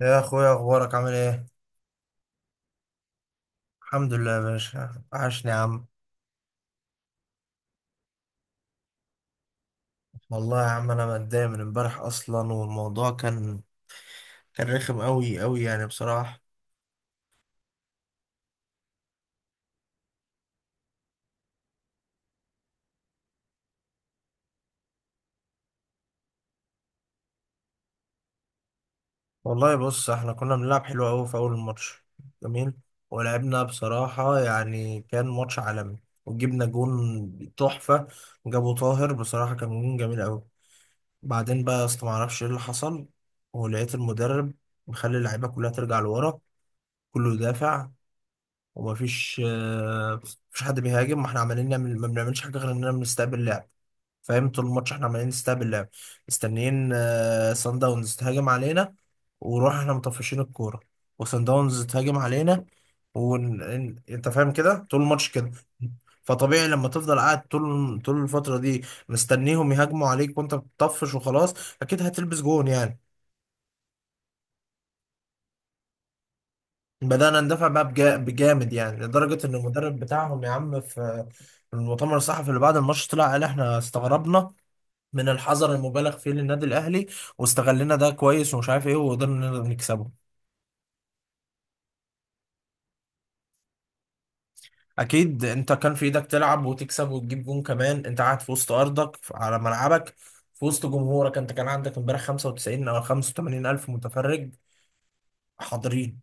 يا اخويا، اخبارك عامل ايه؟ الحمد لله يا باشا، عاشني يا عم. والله يا عم انا متضايق من امبارح اصلا، والموضوع كان رخم قوي قوي يعني بصراحه. والله بص، احنا كنا بنلعب حلو قوي في اول الماتش، جميل. ولعبنا بصراحه، يعني كان ماتش عالمي، وجبنا جون تحفه، جابه طاهر. بصراحه كان جون جميل قوي. بعدين بقى يا اسطى معرفش ايه اللي حصل، ولقيت المدرب مخلي اللعيبه كلها ترجع لورا، كله يدافع ومفيش مفيش حد بيهاجم. ما احنا عمالين نعمل، ما بنعملش حاجه غير اننا بنستقبل اللعب. فاهم؟ طول الماتش احنا عمالين نستقبل اللعب، مستنيين سان داونز تهاجم علينا، ونروح احنا مطفشين الكوره، وسان داونز تهاجم علينا، انت فاهم كده طول الماتش كده. فطبيعي لما تفضل قاعد طول الفتره دي مستنيهم يهاجموا عليك وانت بتطفش وخلاص، اكيد هتلبس جون يعني. بدأنا ندافع بقى بجامد، يعني لدرجة إن المدرب بتاعهم يا عم في المؤتمر الصحفي اللي بعد الماتش طلع قال إحنا استغربنا من الحذر المبالغ فيه للنادي الأهلي، واستغلنا ده كويس، ومش عارف إيه، وقدرنا نقدر نكسبه. أكيد أنت كان في إيدك تلعب وتكسب وتجيب جون كمان، أنت قاعد في وسط أرضك على ملعبك، في وسط جمهورك. أنت كان عندك إمبارح 95 أو 85 ألف متفرج حاضرين.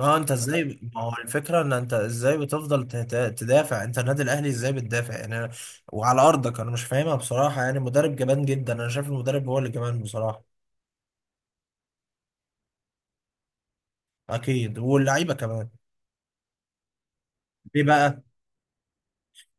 اه، انت ازاي؟ ما هو الفكره ان انت ازاي بتفضل تدافع؟ انت النادي الاهلي ازاي بتدافع يعني؟ وعلى ارضك انا مش فاهمها بصراحه، يعني مدرب جبان جدا. انا شايف المدرب هو اللي جبان بصراحه. اكيد، واللعيبه كمان. ليه بقى؟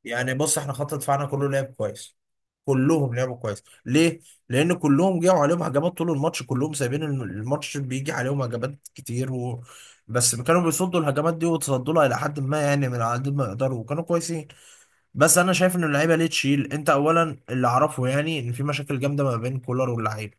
يعني بص، احنا خط دفاعنا كله لعب كويس، كلهم لعبوا كويس. ليه؟ لان كلهم جاوا عليهم هجمات طول الماتش، كلهم سايبين الماتش بيجي عليهم هجمات كتير، و... بس كانوا بيصدوا الهجمات دي، وتصدوا لها الى حد ما، يعني من على قد ما يقدروا، وكانوا كويسين. بس انا شايف ان اللعيبه ليه تشيل؟ انت اولا اللي اعرفه يعني ان في مشاكل جامده ما بين كولر واللعيبه،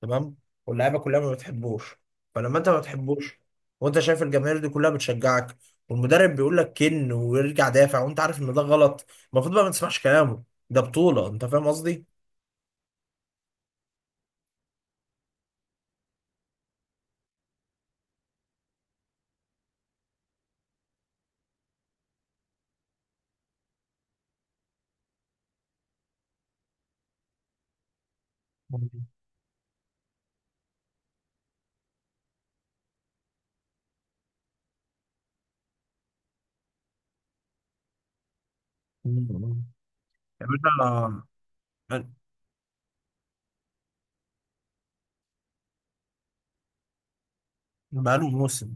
تمام؟ واللعيبه كلها ما بتحبوش، فلما انت ما بتحبوش، وانت شايف الجماهير دي كلها بتشجعك، والمدرب بيقول لك كن ويرجع دافع، وانت عارف ان ده غلط، المفروض بقى ما تسمعش كلامه. ده بطوله. انت فاهم قصدي؟ مم. مم. يا باشا. بقاله موسم.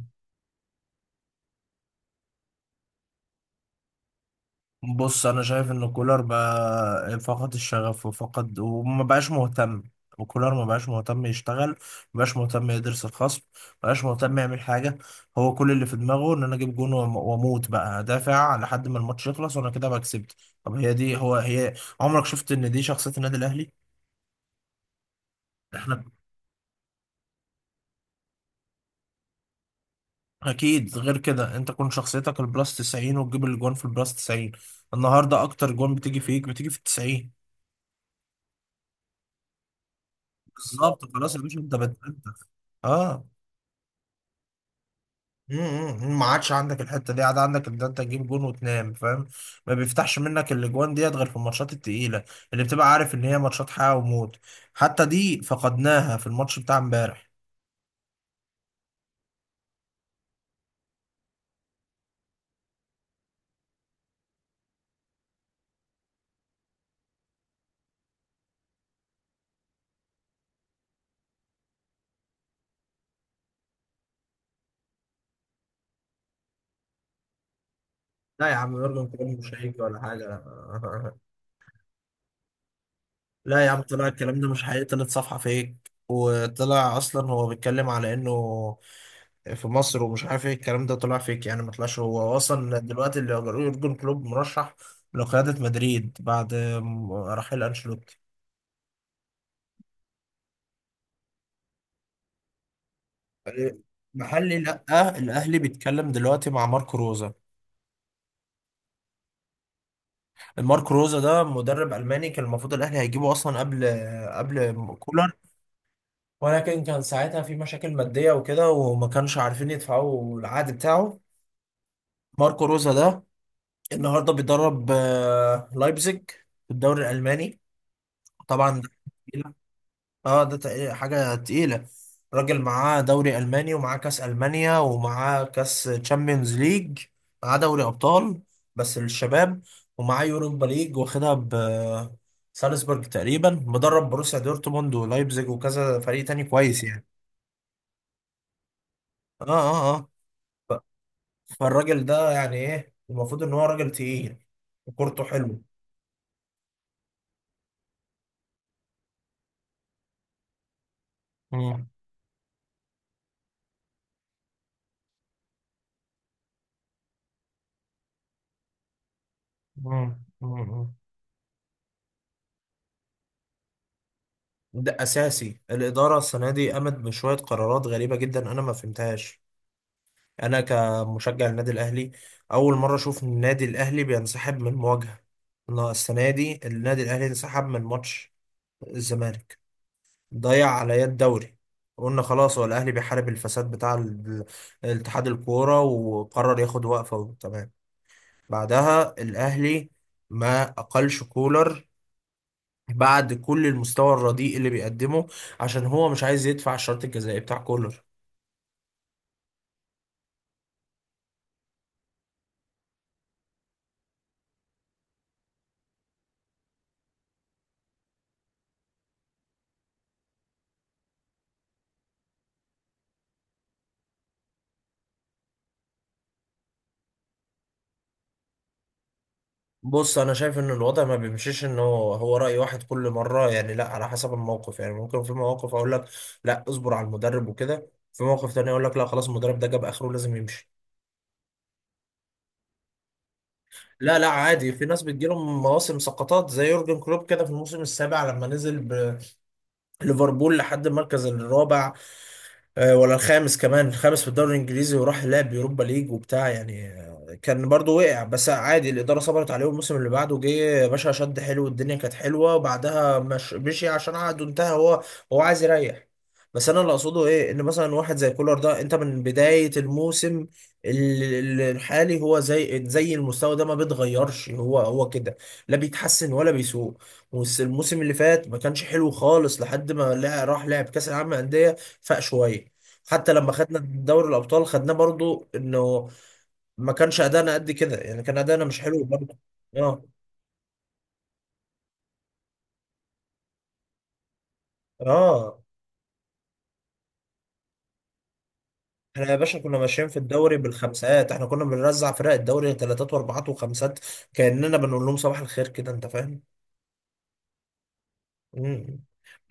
بص، انا شايف ان كولر بقى فقد الشغف وفقد، وما بقاش مهتم. وكولر ما بقاش مهتم يشتغل، ما بقاش مهتم يدرس الخصم، ما بقاش مهتم يعمل حاجه. هو كل اللي في دماغه ان انا اجيب جون واموت بقى دافع لحد ما الماتش يخلص، وانا كده بقى كسبت. طب هي دي هي. عمرك شفت ان دي شخصيه النادي الاهلي؟ احنا اكيد غير كده. انت كون شخصيتك البلاس 90، وتجيب الجون في البلاس 90. النهارده اكتر جون بتيجي فيك بتيجي في ال 90. بالظبط، خلاص يا باشا. انت اه. امم، ما عادش عندك الحته دي، عاد عندك ان انت تجيب جون وتنام. فاهم؟ ما بيفتحش منك الاجوان ديت غير في الماتشات التقيله، اللي بتبقى عارف ان هي ماتشات حياه وموت، حتى دي فقدناها في الماتش بتاع امبارح. لا يا عم، يورجن كلوب مش هيجي ولا حاجه. لا يا عم، طلع الكلام ده مش حقيقي، طلعت صفحه فيك، وطلع اصلا هو بيتكلم على انه في مصر، ومش عارف ايه الكلام ده طلع فيك يعني. ما طلعش هو اصلا دلوقتي اللي يورجن كلوب مرشح لقياده مدريد بعد رحيل انشيلوتي. محلي، لا، الاهلي بيتكلم دلوقتي مع ماركو روزا. الماركو روزا ده مدرب الماني، كان المفروض الاهلي هيجيبه اصلا قبل كولر، ولكن كان ساعتها في مشاكل ماديه وكده، وما كانش عارفين يدفعوا العقد بتاعه. ماركو روزا ده النهارده بيدرب لايبزيج في الدوري الالماني طبعا. اه ده حاجة تقيلة. راجل معاه دوري ألماني، ومعاه كأس ألمانيا، ومعاه كأس تشامبيونز ليج، معاه دوري أبطال بس للشباب، ومعاه يوروبا ليج واخدها ب سالزبورج تقريبا. مدرب بروسيا دورتموند ولايبزيج وكذا فريق تاني كويس يعني. اه اه اه ف- فالراجل ده يعني ايه، المفروض ان هو راجل تقيل وكورته حلو. مم. مم. مم. ده أساسي. الإدارة السنة دي قامت بشوية قرارات غريبة جدا أنا ما فهمتهاش. انا كمشجع النادي الاهلي اول مره اشوف إن النادي الاهلي بينسحب من مواجهه. السنه دي النادي الاهلي انسحب من ماتش الزمالك، ضيع عليا الدوري. قلنا خلاص، هو الاهلي بيحارب الفساد بتاع الاتحاد الكوره، وقرر ياخد وقفه، تمام. بعدها الاهلي ما اقلش كولر بعد كل المستوى الرديء اللي بيقدمه، عشان هو مش عايز يدفع الشرط الجزائي بتاع كولر. بص، انا شايف ان الوضع ما بيمشيش ان هو راي واحد كل مره، يعني لا، على حسب الموقف. يعني ممكن في مواقف اقول لك لا اصبر على المدرب وكده، في موقف تاني اقول لك لا خلاص المدرب ده جاب اخره لازم يمشي. لا عادي، في ناس بتجيلهم مواسم سقطات زي يورجن كلوب كده في الموسم السابع، لما نزل بليفربول لحد المركز الرابع، ولا الخامس، كمان الخامس في الدوري الانجليزي، وراح لعب يوروبا ليج وبتاع يعني. كان برضو وقع بس عادي، الاداره صبرت عليه، والموسم اللي بعده جه يا باشا شد حلو، والدنيا كانت حلوه، وبعدها مش مشي عشان عقده انتهى. هو هو عايز يريح. بس انا اللي اقصده ايه، ان مثلا واحد زي كولر ده انت من بدايه الموسم الحالي، هو زي المستوى ده ما بيتغيرش، هو هو كده، لا بيتحسن ولا بيسوء. والموسم اللي فات ما كانش حلو خالص لحد ما راح لعب كاس العالم للانديه، فاق شويه. حتى لما خدنا دوري الابطال خدناه برضو انه ما كانش ادانا قد كده، يعني كان ادانا مش حلو برضو. اه اه احنا يا باشا كنا ماشيين في الدوري بالخمسات، احنا كنا بنرزع فرق الدوري ثلاثات واربعات وخمسات، كاننا بنقول لهم صباح الخير كده. انت فاهم؟ مم.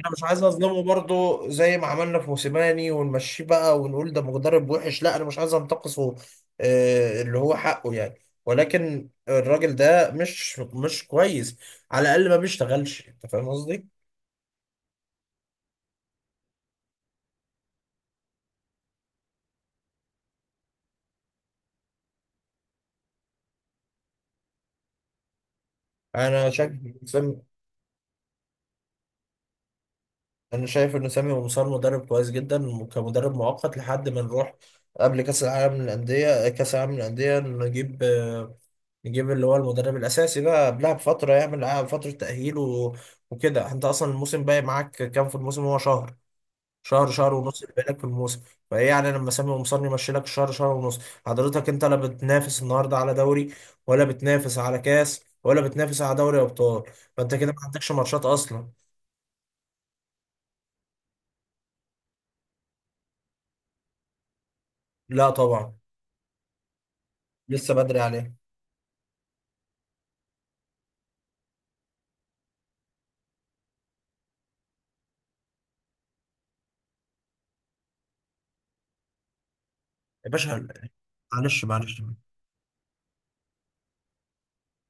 انا مش عايز اظلمه برضو، زي ما عملنا في موسيماني ونمشيه بقى ونقول ده مدرب وحش، لا انا مش عايز انتقصه اللي هو حقه يعني. ولكن الراجل ده مش كويس، على الاقل ما بيشتغلش. انت فاهم قصدي؟ انا شايف إن سامي، انا شايف ان سامي مصار مدرب كويس جدا كمدرب مؤقت لحد ما نروح قبل كاس العالم للانديه. كاس العالم للانديه نجيب نجيب اللي هو المدرب الأساسي بقى قبلها بفترة، يعمل قبلها فترة تأهيل و... وكده. أنت أصلا الموسم باقي معاك كام في الموسم؟ هو شهر، شهر ونص اللي باقي لك في الموسم. فإيه يعني لما سامي قمصان يمشي لك شهر، شهر ونص؟ حضرتك أنت لا بتنافس النهاردة على دوري، ولا بتنافس على كاس، ولا بتنافس على دوري أبطال، فأنت كده ما عندكش ماتشات أصلا. لا طبعا. لسه بدري عليه. يا باشا، معلش معلش،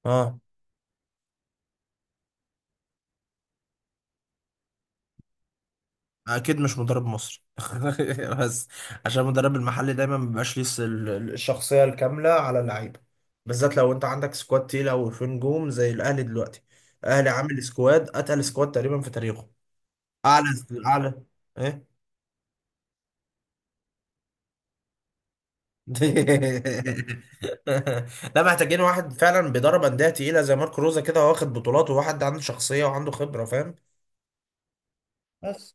اه. اكيد مش مدرب مصري بس، عشان المدرب المحلي دايما ما بيبقاش ليه الشخصيه الكامله على اللعيبه، بالذات لو انت عندك سكواد تقيله وفي نجوم زي الاهلي دلوقتي. الاهلي عامل سكواد اتقل سكواد تقريبا في تاريخه. اعلى اعلى ايه. لا، محتاجين واحد فعلا بيدرب انديه تقيله زي ماركو روزا كده، واخد بطولات، وواحد عنده شخصيه وعنده خبره. فاهم؟ بس،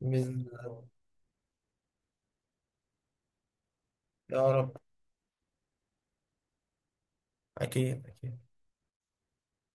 بإذن الله. يا رب. اكيد أكيد.